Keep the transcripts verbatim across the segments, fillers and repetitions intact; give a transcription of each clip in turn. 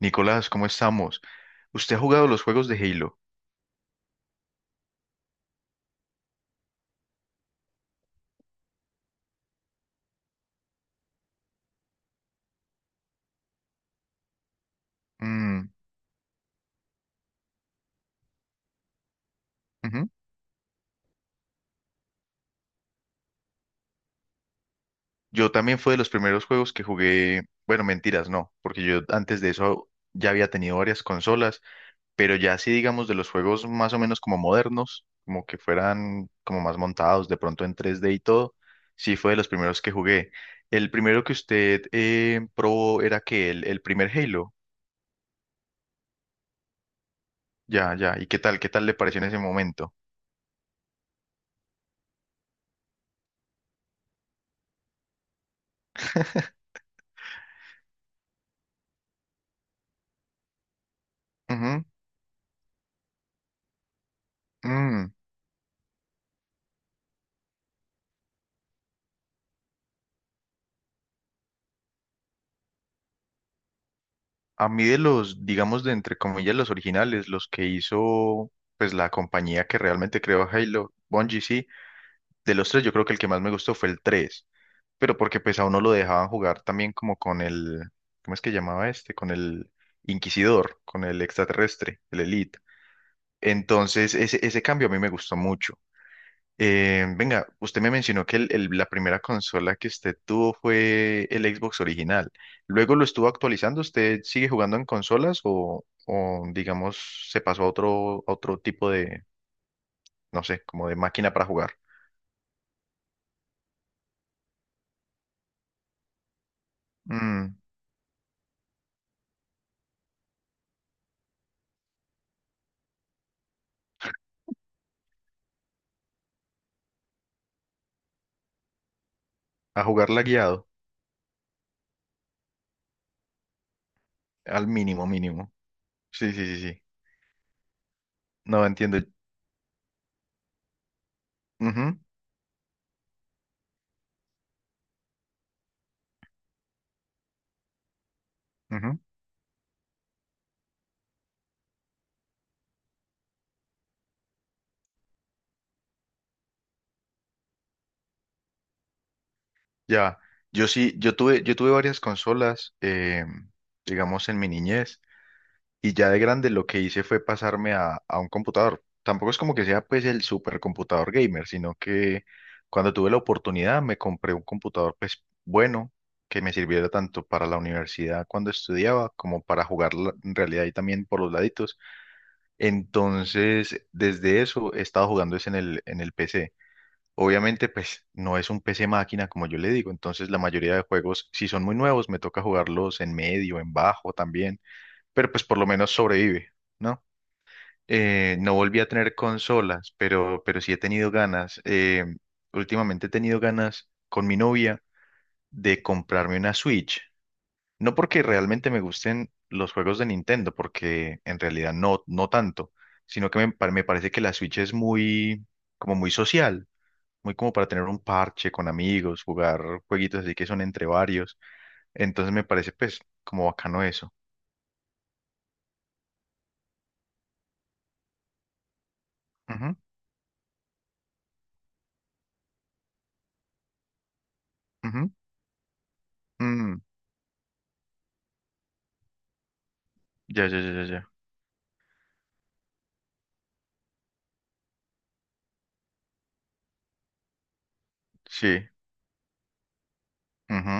Nicolás, ¿cómo estamos? ¿Usted ha jugado los juegos de Halo? Mm, ujú. Yo también fue de los primeros juegos que jugué, bueno, mentiras, no, porque yo antes de eso ya había tenido varias consolas, pero ya sí, digamos, de los juegos más o menos como modernos, como que fueran como más montados, de pronto en tres d y todo, sí fue de los primeros que jugué. El primero que usted eh, probó era que el, el primer Halo. Ya, ya, ¿y qué tal? ¿Qué tal le pareció en ese momento? Ujú, mm. A mí de los, digamos, de entre comillas, los originales, los que hizo, pues la compañía que realmente creó Halo, Bungie, sí, de los tres yo creo que el que más me gustó fue el tres, pero porque pues a uno lo dejaban jugar también como con el, ¿cómo es que llamaba este? Con el Inquisidor, con el extraterrestre, el Elite. Entonces ese, ese cambio a mí me gustó mucho. Eh, venga, usted me mencionó que el- el- la primera consola que usted tuvo fue el Xbox original. Luego lo estuvo actualizando. ¿Usted sigue jugando en consolas o, o, digamos, se pasó a otro, a otro tipo de, no sé, como de máquina para jugar? Mm, a jugarla guiado, al mínimo, mínimo. Sí, sí, sí, sí. No entiendo. Ujú, ujú. Ya, yo sí, yo tuve, yo tuve varias consolas, eh, digamos, en mi niñez. Y ya de grande lo que hice fue pasarme a, a un computador. Tampoco es como que sea pues el supercomputador gamer, sino que cuando tuve la oportunidad me compré un computador pues bueno que me sirviera tanto para la universidad cuando estudiaba como para jugar la- en realidad y también por los laditos. Entonces, desde eso he estado jugando es en el, en el P C. Obviamente pues no es un P C máquina como yo le digo, entonces la mayoría de juegos si son muy nuevos me toca jugarlos en medio, en bajo también, pero pues por lo menos sobrevive, ¿no? Eh, no volví a tener consolas, pero, pero sí he tenido ganas. Eh, últimamente he tenido ganas con mi novia de comprarme una Switch. No porque realmente me gusten los juegos de Nintendo, porque en realidad no, no tanto, sino que me, pa- me parece que la Switch es muy, como muy social, muy como para tener un parche con amigos, jugar jueguitos así que son entre varios. Entonces me parece pues como bacano eso. Ujú, ujú, mm, ya, ya, ya, ya, ya. Sí. Ujú.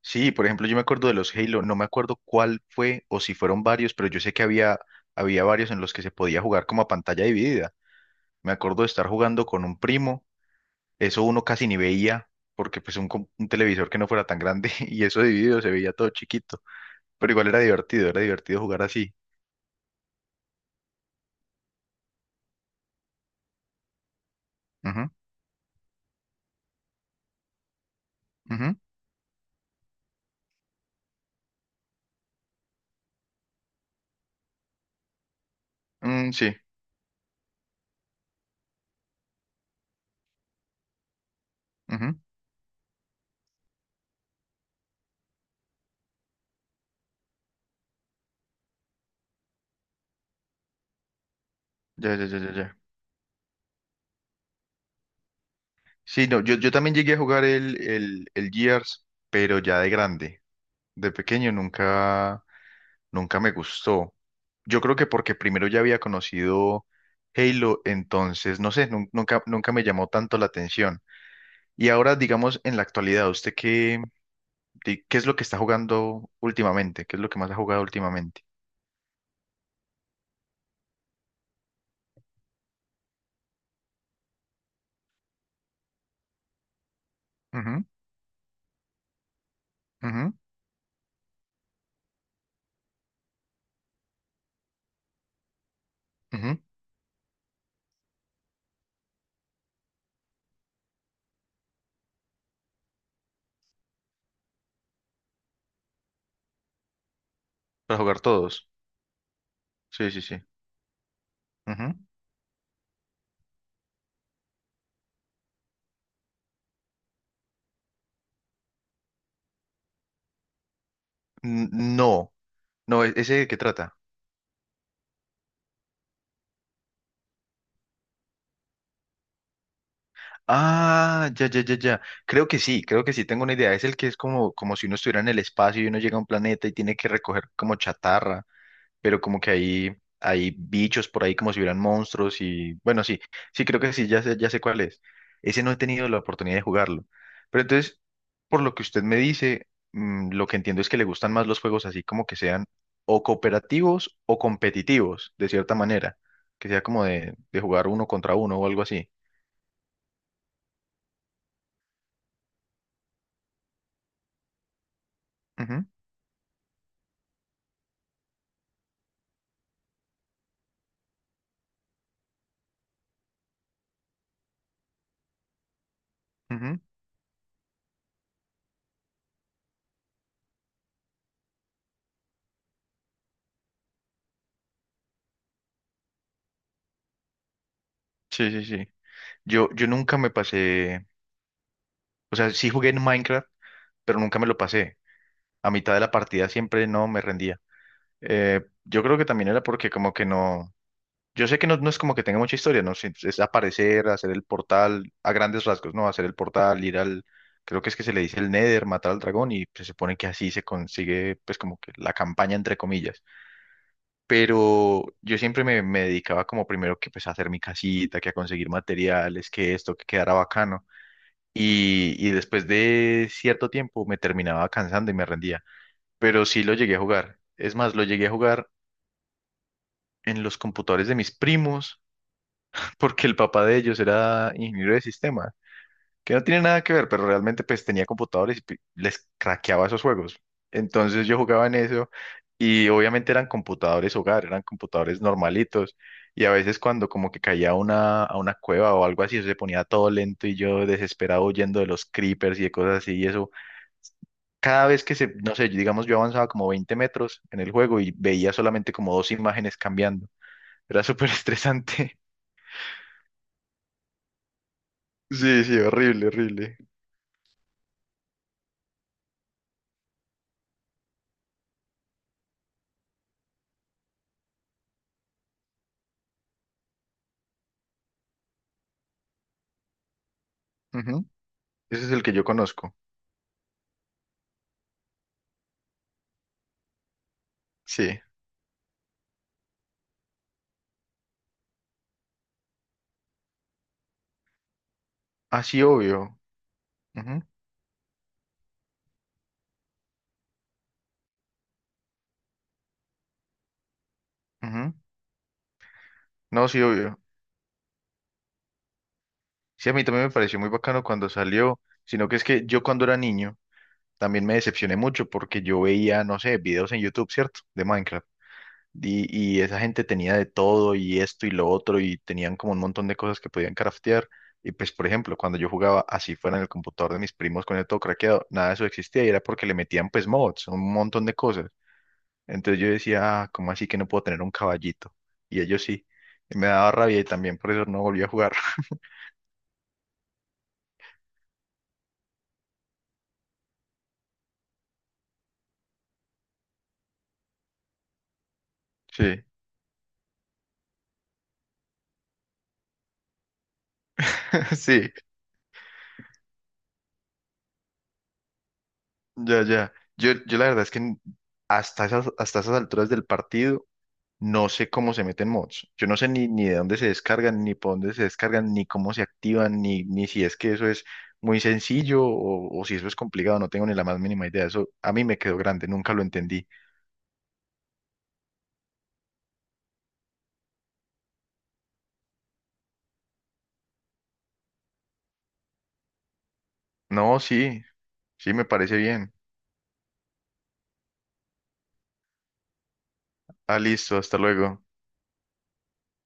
Sí, por ejemplo, yo me acuerdo de los Halo, no me acuerdo cuál fue o si fueron varios, pero yo sé que había, había varios en los que se podía jugar como a pantalla dividida. Me acuerdo de estar jugando con un primo, eso uno casi ni veía, porque pues un, com- un televisor que no fuera tan grande y eso dividido se veía todo chiquito, pero igual era divertido, era divertido jugar así. Ujú, ujú. Mm, sí, ujú. Ya, ya, ya, ya, ya. Sí, no, yo, yo también llegué a jugar el, el, el Gears, pero ya de grande. De pequeño nunca. Nunca me gustó. Yo creo que porque primero ya había conocido Halo, entonces, no sé, nun- nunca, nunca me llamó tanto la atención. Y ahora, digamos, en la actualidad, ¿usted qué, di- qué es lo que está jugando últimamente? ¿Qué es lo que más ha jugado últimamente? Ujú, ujú, ujú. Para jugar todos. Sí, sí, sí. Ujú. N- No, no, e- ¿ese de qué trata? Ah, ya, ya, ya, ya. Creo que sí, creo que sí, tengo una idea. Es el que es como, como si uno estuviera en el espacio y uno llega a un planeta y tiene que recoger como chatarra. Pero como que hay, hay bichos por ahí como si hubieran monstruos y bueno, sí, sí creo que sí, ya sé, ya sé cuál es. Ese no he tenido la oportunidad de jugarlo. Pero entonces, por lo que usted me dice, mm, lo que entiendo es que le gustan más los juegos así como que sean o cooperativos o competitivos, de cierta manera, que sea como de, de jugar uno contra uno o algo así. Ujú, ujú. Sí, sí, sí. Yo, yo nunca me pasé, o sea, sí jugué en Minecraft, pero nunca me lo pasé. A mitad de la partida siempre no me rendía. Eh, yo creo que también era porque como que no, yo sé que no, no es como que tenga mucha historia, ¿no? Si- Es aparecer, hacer el portal, a grandes rasgos, ¿no? Hacer el portal, ir al, creo que es que se le dice el Nether, matar al dragón y se supone que así se consigue pues como que la campaña entre comillas. Pero yo siempre me, me dedicaba como primero que pues a hacer mi casita, que a conseguir materiales, que esto, que quedara bacano. Y, y después de cierto tiempo me terminaba cansando y me rendía. Pero sí lo llegué a jugar. Es más, lo llegué a jugar en los computadores de mis primos, porque el papá de ellos era ingeniero de sistemas, que no tiene nada que ver, pero realmente pues tenía computadores y pi- les craqueaba esos juegos. Entonces yo jugaba en eso y obviamente eran computadores hogar, eran computadores normalitos y a veces cuando como que caía a una, a una cueva o algo así, eso se ponía todo lento y yo desesperado huyendo de los creepers y de cosas así y eso cada vez que se, no sé, digamos yo avanzaba como veinte metros en el juego y veía solamente como dos imágenes cambiando. Era súper estresante. Sí, sí, horrible, horrible. Ujú. Ese es el que yo conozco. Sí. Ah, sí, obvio. Ujú, ujú. No, sí, obvio. Sí, a mí también me pareció muy bacano cuando salió, sino que es que yo cuando era niño también me decepcioné mucho porque yo veía, no sé, videos en YouTube, ¿cierto? De Minecraft. Y, y esa gente tenía de todo y esto y lo otro y tenían como un montón de cosas que podían craftear. Y pues, por ejemplo, cuando yo jugaba así fuera en el computador de mis primos con el todo craqueado, nada de eso existía y era porque le metían pues mods, un montón de cosas. Entonces yo decía, ah, ¿cómo así que no puedo tener un caballito? Y ellos sí. Y me daba rabia y también por eso no volví a jugar. Sí, sí, ya, ya. Yo, yo la verdad es que hasta esas, hasta esas alturas del partido no sé cómo se meten mods. Yo no sé ni, ni de dónde se descargan, ni por dónde se descargan, ni cómo se activan, ni, ni si es que eso es muy sencillo o, o si eso es complicado. No tengo ni la más mínima idea. Eso a mí me quedó grande, nunca lo entendí. No, sí, sí, me parece bien. Ah, listo, hasta luego.